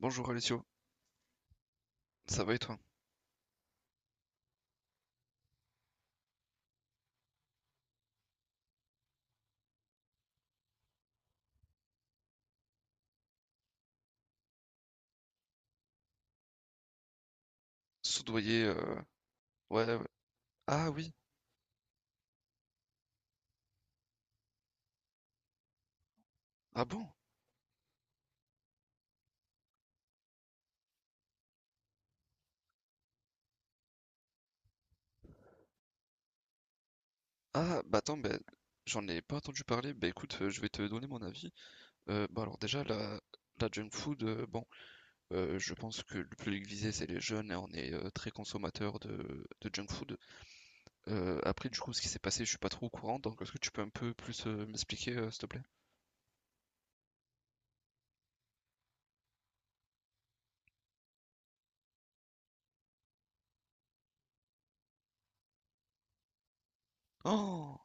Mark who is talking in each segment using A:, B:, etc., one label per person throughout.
A: Bonjour Alessio, ça va et toi? Soudoyer, ouais, ouais. Ah oui, ah bon? Ah bah attends, ben j'en ai pas entendu parler, bah écoute, je vais te donner mon avis. Bah alors déjà, la junk food, bon, je pense que le public visé c'est les jeunes et on est très consommateur de junk food. Après du coup, ce qui s'est passé, je suis pas trop au courant, donc est-ce que tu peux un peu plus m'expliquer, s'il te plaît? Oh!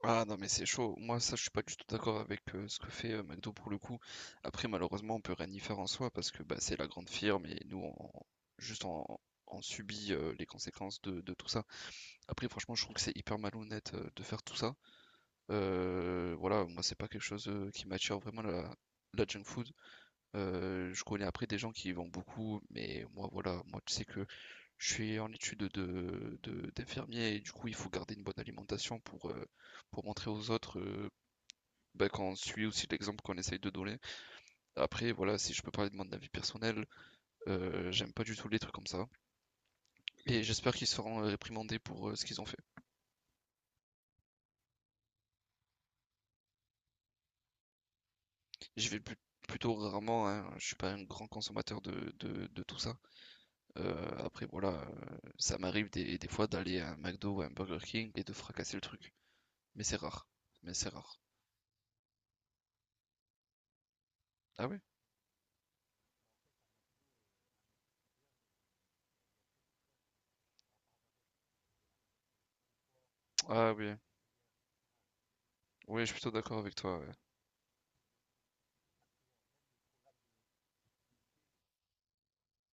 A: Ah non mais c'est chaud, moi ça je suis pas du tout d'accord avec ce que fait McDo pour le coup. Après malheureusement on peut rien y faire en soi parce que bah, c'est la grande firme et nous on, juste on subit les conséquences de tout ça. Après franchement je trouve que c'est hyper malhonnête de faire tout ça. Voilà, moi c'est pas quelque chose qui m'attire vraiment la junk food. Je connais après des gens qui y vont beaucoup mais moi voilà, moi tu sais que je suis en étude de- d'infirmier et du coup il faut garder une bonne alimentation pour montrer aux autres bah, qu'on suit aussi l'exemple qu'on essaye de donner. Après, voilà, si je peux parler de mon avis personnel, j'aime pas du tout les trucs comme ça. Et j'espère qu'ils seront réprimandés pour ce qu'ils ont fait. J'y vais plus- plutôt rarement, hein, je suis pas un grand consommateur de tout ça. Après, voilà, ça m'arrive des fois d'aller à un McDo ou à un Burger King et de fracasser le truc. Mais c'est rare. Mais c'est rare. Ah oui? Ah oui. Oui, je suis plutôt d'accord avec toi, ouais.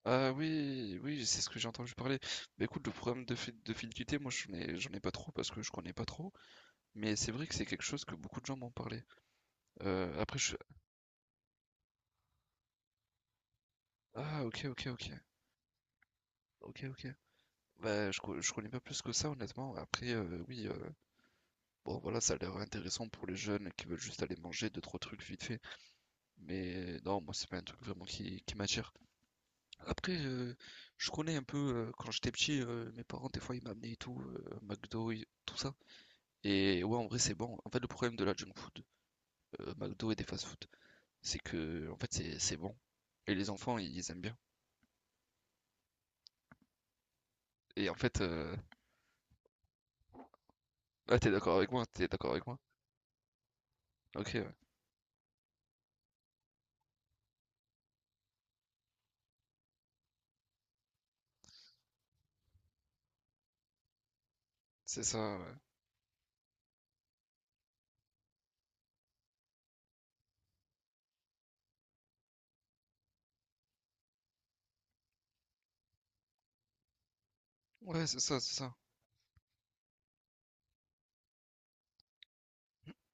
A: Ah oui, oui, c'est ce que j'ai entendu parler. Bah écoute, le programme de, fid- de fidélité, moi j'en ai pas trop parce que je connais pas trop, mais c'est vrai que c'est quelque chose que beaucoup de gens m'ont parlé. Après, je... Ah ok, ok, ok, ok, ok. Bah je, co- je connais pas plus que ça honnêtement. Après, oui, bon voilà, ça a l'air intéressant pour les jeunes qui veulent juste aller manger deux, trois trucs vite fait, mais non, moi c'est pas un truc vraiment qui m'attire. Après, je connais un peu, quand j'étais petit, mes parents des fois ils m'amenaient et tout, McDo, et tout ça. Et ouais, en vrai, c'est bon. En fait, le problème de la junk food, McDo et des fast food, c'est que, en fait, c'est bon. Et les enfants, ils aiment bien. Et en fait, ah, t'es d'accord avec moi, t'es d'accord avec moi. Ok, ouais. C'est ça, ouais. Ouais, c'est ça, c'est ça.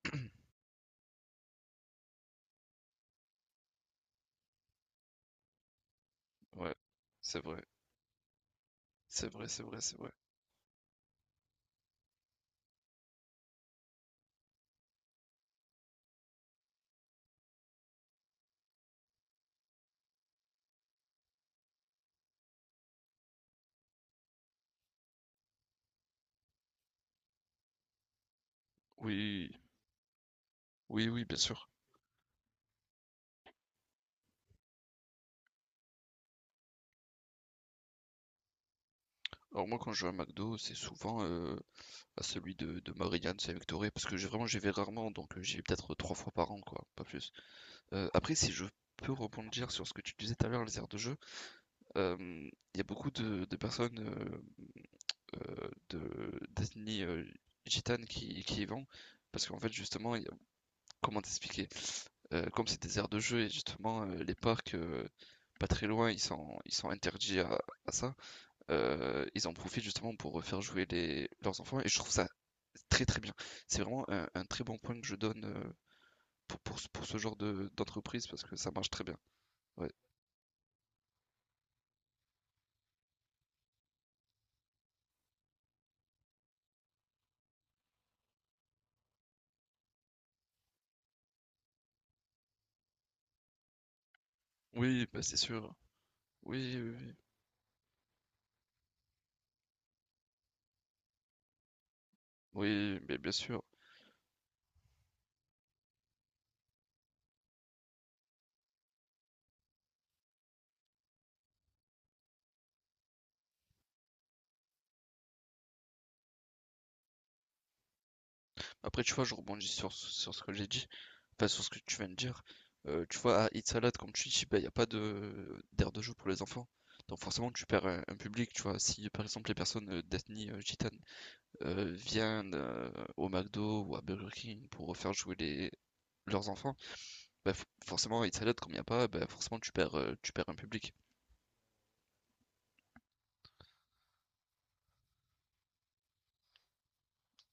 A: Ouais, c'est vrai. C'est vrai, c'est vrai, c'est vrai. Oui, oui, oui, bien sûr. Alors moi, quand je vais à McDo, c'est souvent à celui de Marianne, Saint-Victoré, parce que j'ai vraiment, j'y vais rarement, donc j'y vais peut-être trois fois par an, quoi, pas plus. Après, si je peux rebondir sur ce que tu disais tout à l'heure, les aires de jeu, il y a beaucoup de personnes de d'ethnie, gitane qui y vont parce qu'en fait, justement, il y a comment t'expliquer? Comme c'est des aires de jeu et justement, les parcs, pas très loin, ils sont interdits à ça, ils en profitent justement pour, faire jouer les leurs enfants et je trouve ça très, très bien. C'est vraiment un très bon point que je donne, pour ce genre de d'entreprise parce que ça marche très bien. Ouais. Oui, bah, c'est sûr. Oui, oui, oui. Oui, mais bien sûr. Après, tu vois, je rebondis sur, sur ce que j'ai dit, pas sur ce que tu viens de dire. Tu vois, à It's a comme tu dis, il n'y a pas de d'aire de jeu pour les enfants. Donc forcément, tu perds un public, tu vois. Si par exemple les personnes d'ethnie gitane viennent au McDo ou à Burger King pour faire jouer les, leurs enfants, bah, f- forcément, It's a comme il n'y a pas, bah, forcément, tu perds un public.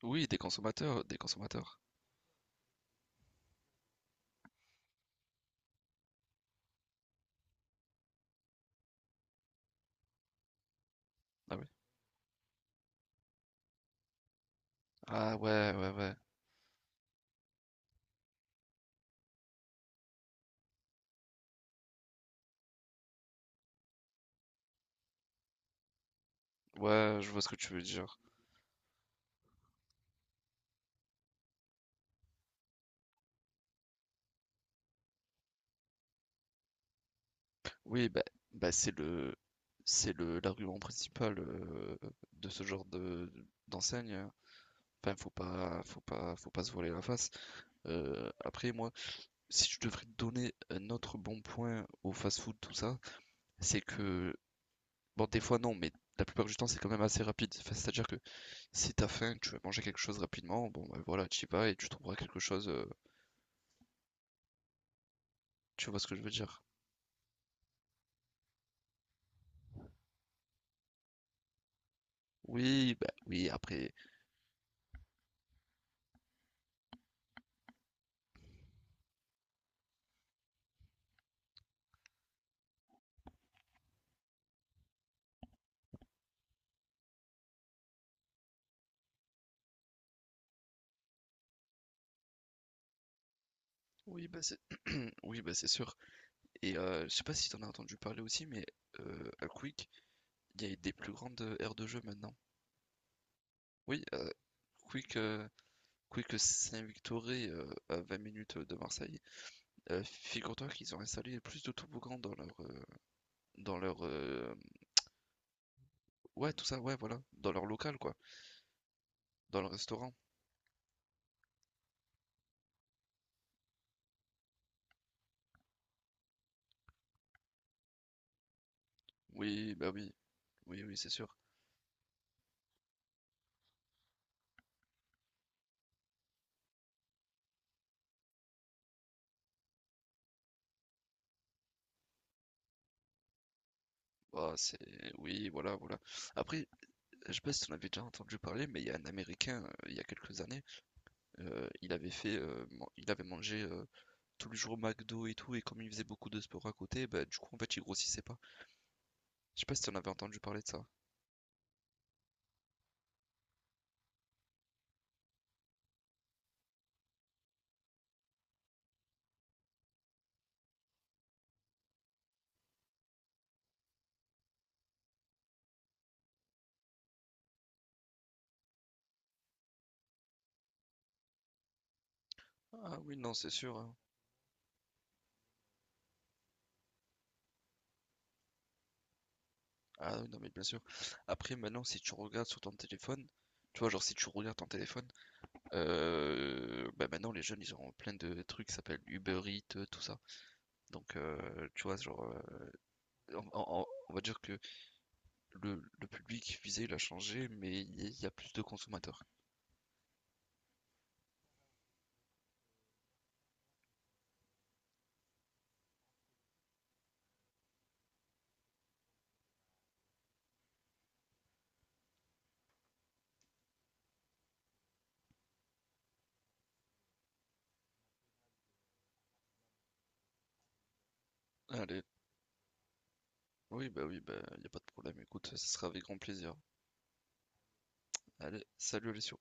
A: Oui, des consommateurs, des consommateurs. Ah oui. Ah ouais, ouais, ouais. Ouais, je vois ce que tu veux dire. Oui, bah, bah, c'est le, l'argument principal de ce genre de, d'enseigne. Enfin, faut pas, faut pas, faut pas se voiler la face. Après, moi, si je devrais donner un autre bon point au fast-food, tout ça, c'est que, bon, des fois non, mais la plupart du temps, c'est quand même assez rapide. Enfin, c'est-à-dire que si t'as faim, tu veux manger quelque chose rapidement, bon, bah, voilà, tu y vas et tu trouveras quelque chose. Tu vois ce que je veux dire? Oui, bah, oui, après, oui, bah, c'est, oui, bah, c'est sûr. Et je sais pas si t'en as entendu parler aussi, mais à Quick, il y a des plus grandes aires de jeu maintenant. Oui, Quick, Quick Saint-Victoré, à 20 minutes de Marseille. Figure-toi qu'ils ont installé plus de toboggans dans leur, ouais, tout ça, ouais, voilà, dans leur local, quoi, dans le restaurant. Oui, bah oui, oui, oui, c'est sûr. Bah, c'est, oui, voilà, voilà. Après, je sais pas si t'en avais déjà entendu parler, mais il y a un Américain, il y a quelques années, il avait fait, il avait mangé tous les jours au McDo et tout, et comme il faisait beaucoup de sport à côté, bah, du coup, en fait, il grossissait pas. Je sais pas si t'en avais entendu parler de ça. Ah oui, non, c'est sûr, hein. Ah oui, non, mais bien sûr. Après, maintenant, si tu regardes sur ton téléphone, tu vois, genre, si tu regardes ton téléphone, bah maintenant, les jeunes, ils ont plein de trucs qui s'appellent Uber Eats, tout ça. Donc, tu vois, genre, on va dire que le public visé, il a changé, mais il y a plus de consommateurs. Allez, oui, bah, il n'y a pas de problème. Écoute, ce sera avec grand plaisir. Allez, salut les